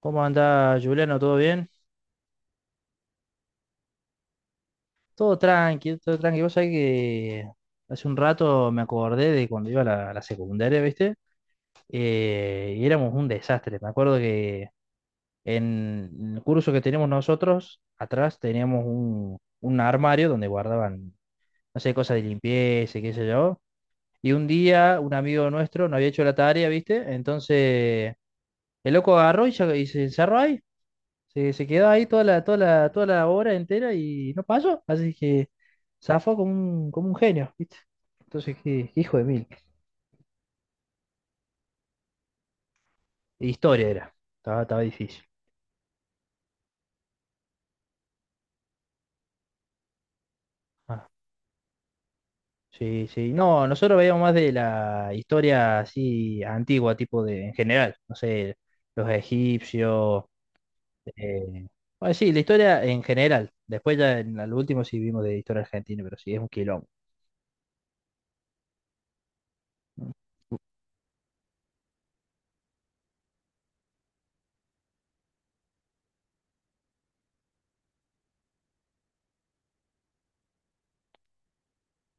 ¿Cómo anda Juliano? ¿Todo bien? Todo tranqui, todo tranqui. Vos sabés que hace un rato me acordé de cuando iba a la secundaria, ¿viste? Y éramos un desastre. Me acuerdo que en el curso que teníamos nosotros, atrás teníamos un armario donde guardaban, no sé, cosas de limpieza, y qué sé yo. Y un día un amigo nuestro no había hecho la tarea, ¿viste? Entonces el loco agarró y se encerró ahí. Se quedó ahí toda la hora entera y no pasó. Así que zafó como un genio, ¿viste? Entonces, qué hijo de mil. Historia era. Estaba difícil. Ah, sí, sí. No, nosotros veíamos más de la historia así antigua, tipo de, en general. No sé, los egipcios. eh, bueno, sí, la historia en general. Después ya en el último sí vimos de historia argentina, pero sí, es un quilombo.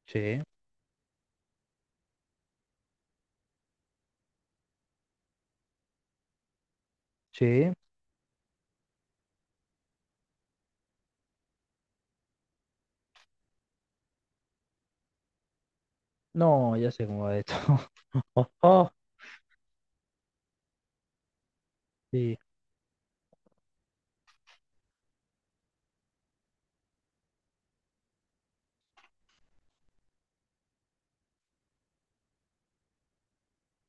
Sí, sí. No, ya sé cómo va esto. Oh, oh, sí.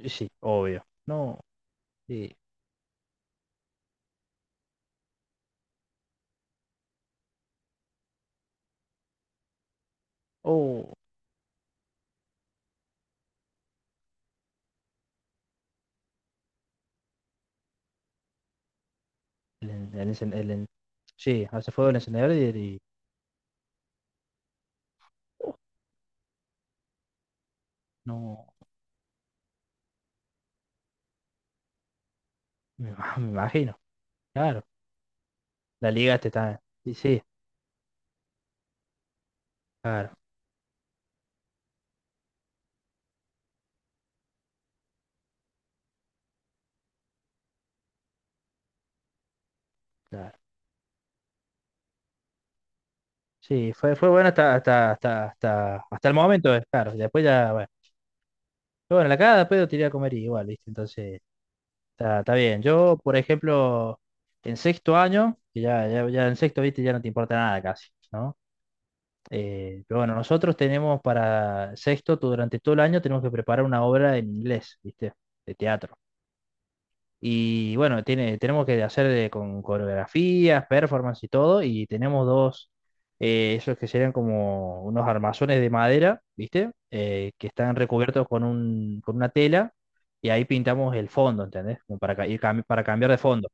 Sí, obvio. No, sí. Oh, el sí, hace fuego el encendedor y oh, no, me imagino. Claro, la ligaste también. Sí, sí, claro, claro. Sí, fue, fue bueno hasta el momento, claro. Y después ya, bueno. Pero bueno, la cagada después lo tiré a comer igual, ¿viste? Entonces, está, está bien. Yo, por ejemplo, en sexto año, que ya en sexto, ¿viste? Ya no te importa nada casi, ¿no? Pero bueno, nosotros tenemos para sexto, tú durante todo el año tenemos que preparar una obra en inglés, ¿viste? De teatro. Y bueno, tenemos que hacer con coreografías, performance y todo, y tenemos dos, esos que serían como unos armazones de madera, ¿viste? Que están recubiertos con con una tela, y ahí pintamos el fondo, ¿entendés? Como para, para cambiar de fondo.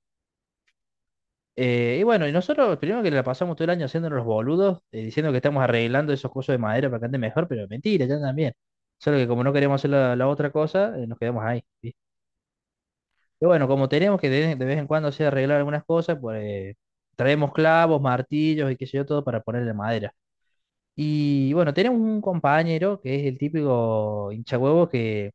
Y bueno, y nosotros primero que la pasamos todo el año haciéndonos los boludos, diciendo que estamos arreglando esos cosas de madera para que ande mejor, pero mentira, ya también. Solo que como no queríamos hacer la otra cosa, nos quedamos ahí. ¿Sí? Y bueno, como tenemos que de vez en cuando hacer arreglar algunas cosas, pues traemos clavos, martillos y qué sé yo, todo para ponerle madera. Y bueno, tenemos un compañero que es el típico hinchahuevo que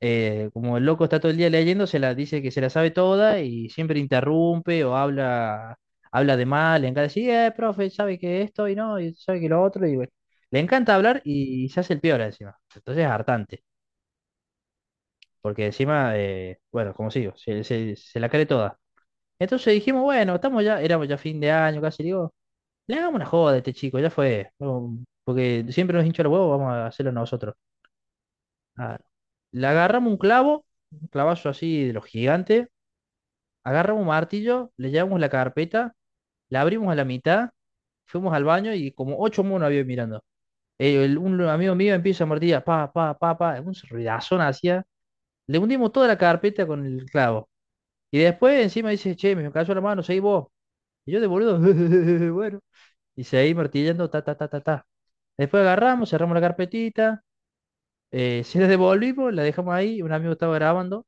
como el loco está todo el día leyendo, se la dice que se la sabe toda y siempre interrumpe o habla, habla de mal, le encanta decir, profe, sabe que esto y no, y sabe que lo otro, y bueno, le encanta hablar y se hace el peor encima. Entonces es hartante, porque encima, bueno, como sigo, se la cree toda. Entonces dijimos, bueno, estamos ya, éramos ya fin de año casi, digo, le hagamos una joda a este chico, ya fue, no, porque siempre nos hincha los huevos, vamos a hacerlo nosotros. Ah, le agarramos un clavo, un clavazo así de los gigantes, agarramos un martillo, le llevamos la carpeta, la abrimos a la mitad, fuimos al baño y como ocho monos había mirando. Un amigo mío empieza a martillar, pa, pa, pa, pa, un ruidazón hacía. Le hundimos toda la carpeta con el clavo. Y después encima dice, che, me cayó la mano, seguí vos. Y yo de boludo, bueno. Y seguí martillando, ta, ta, ta, ta, ta. Después agarramos, cerramos la carpetita, se la devolvimos, la dejamos ahí, un amigo estaba grabando.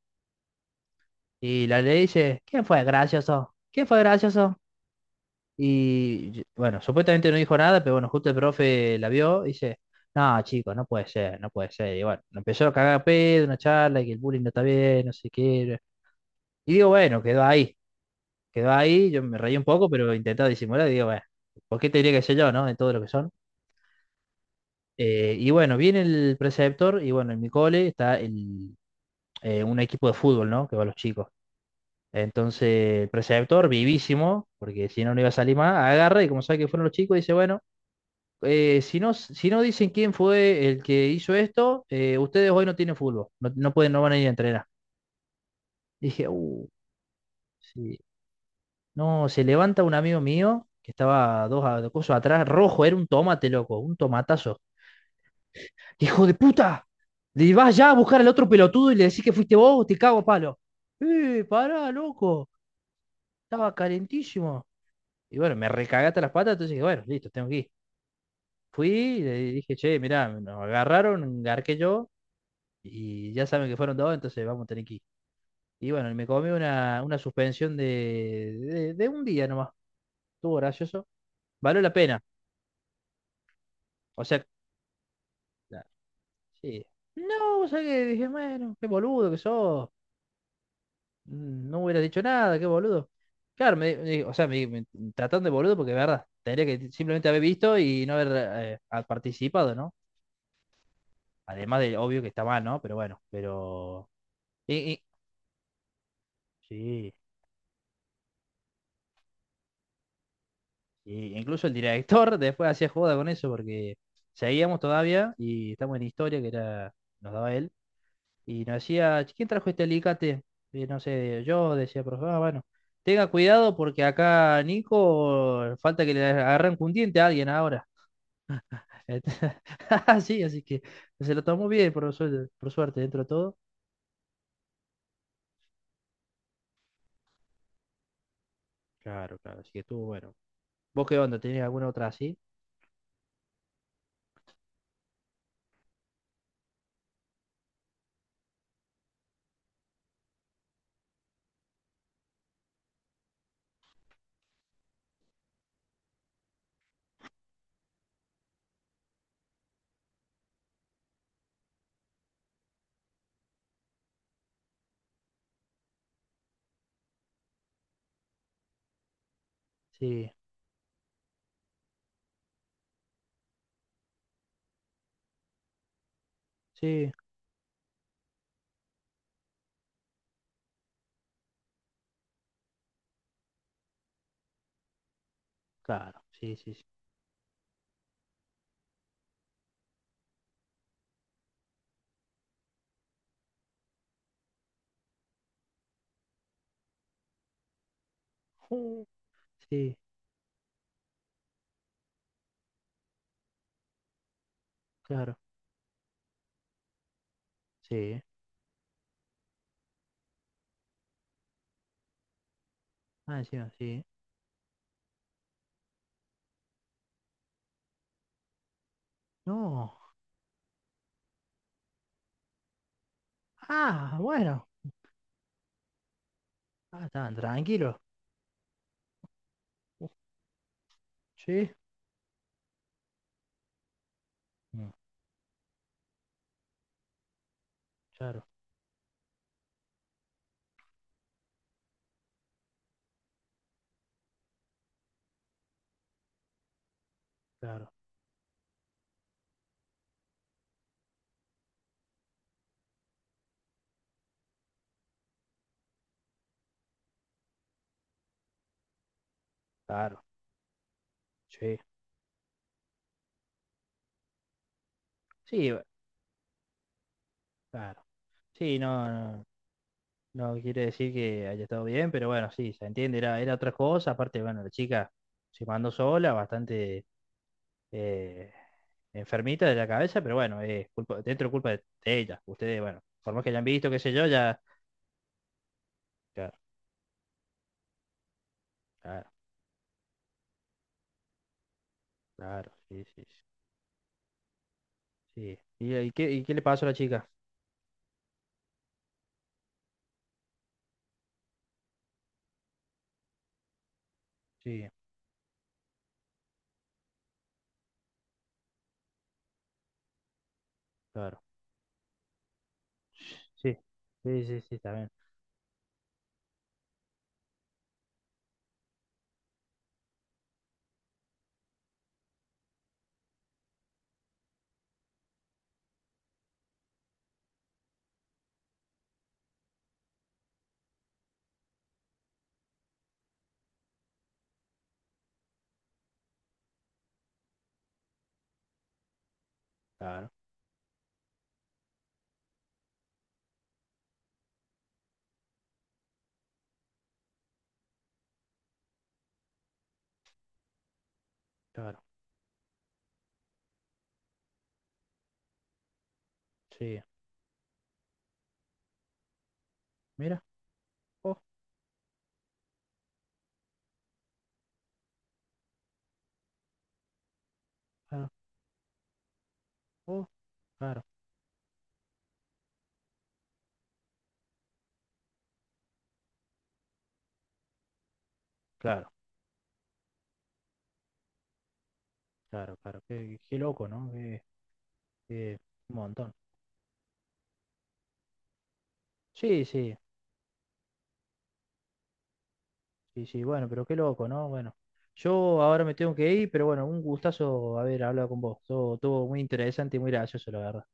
Y la ley dice, ¿quién fue gracioso? ¿Quién fue gracioso? Y yo, bueno, supuestamente no dijo nada, pero bueno, justo el profe la vio y dice, no, chicos, no puede ser, no puede ser. Y bueno, lo empezó a cagar a pedo, una charla, y que el bullying no está bien, no sé qué. Y digo, bueno, quedó ahí, yo me reí un poco, pero intentaba disimular y digo, bueno, ¿por qué tendría que ser yo, no? De todo lo que son. Y bueno, viene el preceptor y bueno, en mi cole está el, un equipo de fútbol, ¿no? Que va a los chicos. Entonces, el preceptor, vivísimo, porque si no, no iba a salir más, agarra y como sabe que fueron los chicos, dice, bueno. Si no, si no dicen quién fue el que hizo esto, ustedes hoy no tienen fútbol, no, no pueden, no van a ir a entrenar. Dije, sí. No, se levanta un amigo mío que estaba dos, dos cosas atrás, rojo, era un tomate, loco, un tomatazo. ¡Hijo de puta! Le vas ya a buscar al otro pelotudo y le decís que fuiste vos, te cago a palo. ¡Eh, pará, loco! Estaba calentísimo. Y bueno, me recagaste las patas, entonces dije, bueno, listo, tengo que ir. Fui y le dije, che, mirá, nos agarraron, garqué yo y ya saben que fueron dos, entonces vamos a tener que ir. Y bueno, y me comí una suspensión de un día nomás. Estuvo gracioso. Valió la pena. O sea, la- sí. No, o sea que dije, bueno, qué boludo que sos. Mm, no hubieras dicho nada, qué boludo. Claro, o sea, me trataron de boludo porque, de verdad, tendría que simplemente haber visto y no haber ha participado, ¿no? Además de, obvio que está mal, ¿no? Pero bueno, pero... y- y- sí. Y incluso el director después hacía joda con eso porque seguíamos todavía y estamos en historia que era, nos daba él. Y nos decía, "Che, ¿quién trajo este alicate?". Y no sé, yo decía, profe. "Ah, bueno, tenga cuidado porque acá Nico falta que le arranque un diente a alguien ahora". Sí, así que se lo tomó bien, por suerte, dentro de todo. Claro, claro, así que estuvo bueno. ¿Vos qué onda? ¿Tenés alguna otra así? Sí, sí, claro, sí, sí, sí. Uh, sí, claro, sí. Ah, encima, sí. No. Ah, bueno. Ah, estaban tranquilos. Uh, sí. Mm, claro, claro, claro. Sí. Sí, bu- claro. Sí, no, no, no quiere decir que haya estado bien, pero bueno, sí, se entiende, era, era otra cosa. Aparte, bueno, la chica se mandó sola, bastante eh, enfermita de la cabeza, pero bueno, es culpa, dentro culpa de ella. Ustedes, bueno, por más que hayan visto, qué sé yo, ya. Claro, claro, claro, sí, sí, sí. Sí. Y qué le pasó a la chica? Sí, claro. Sí, sí, sí, sí, está bien. Claro, claro. Sí, mira. Oh, claro, oh, claro, claro, claro, claro. Qué, qué loco, ¿no? Qué, qué- un montón. Sí, sí, sí, sí, bueno, pero qué loco, ¿no? Bueno, yo ahora me tengo que ir, pero bueno, un gustazo haber hablado con vos. Todo, todo muy interesante y muy gracioso, la verdad.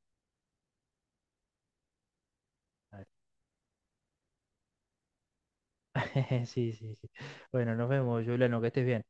Sí, sí, sí. Bueno, nos vemos, Juliano, que estés bien.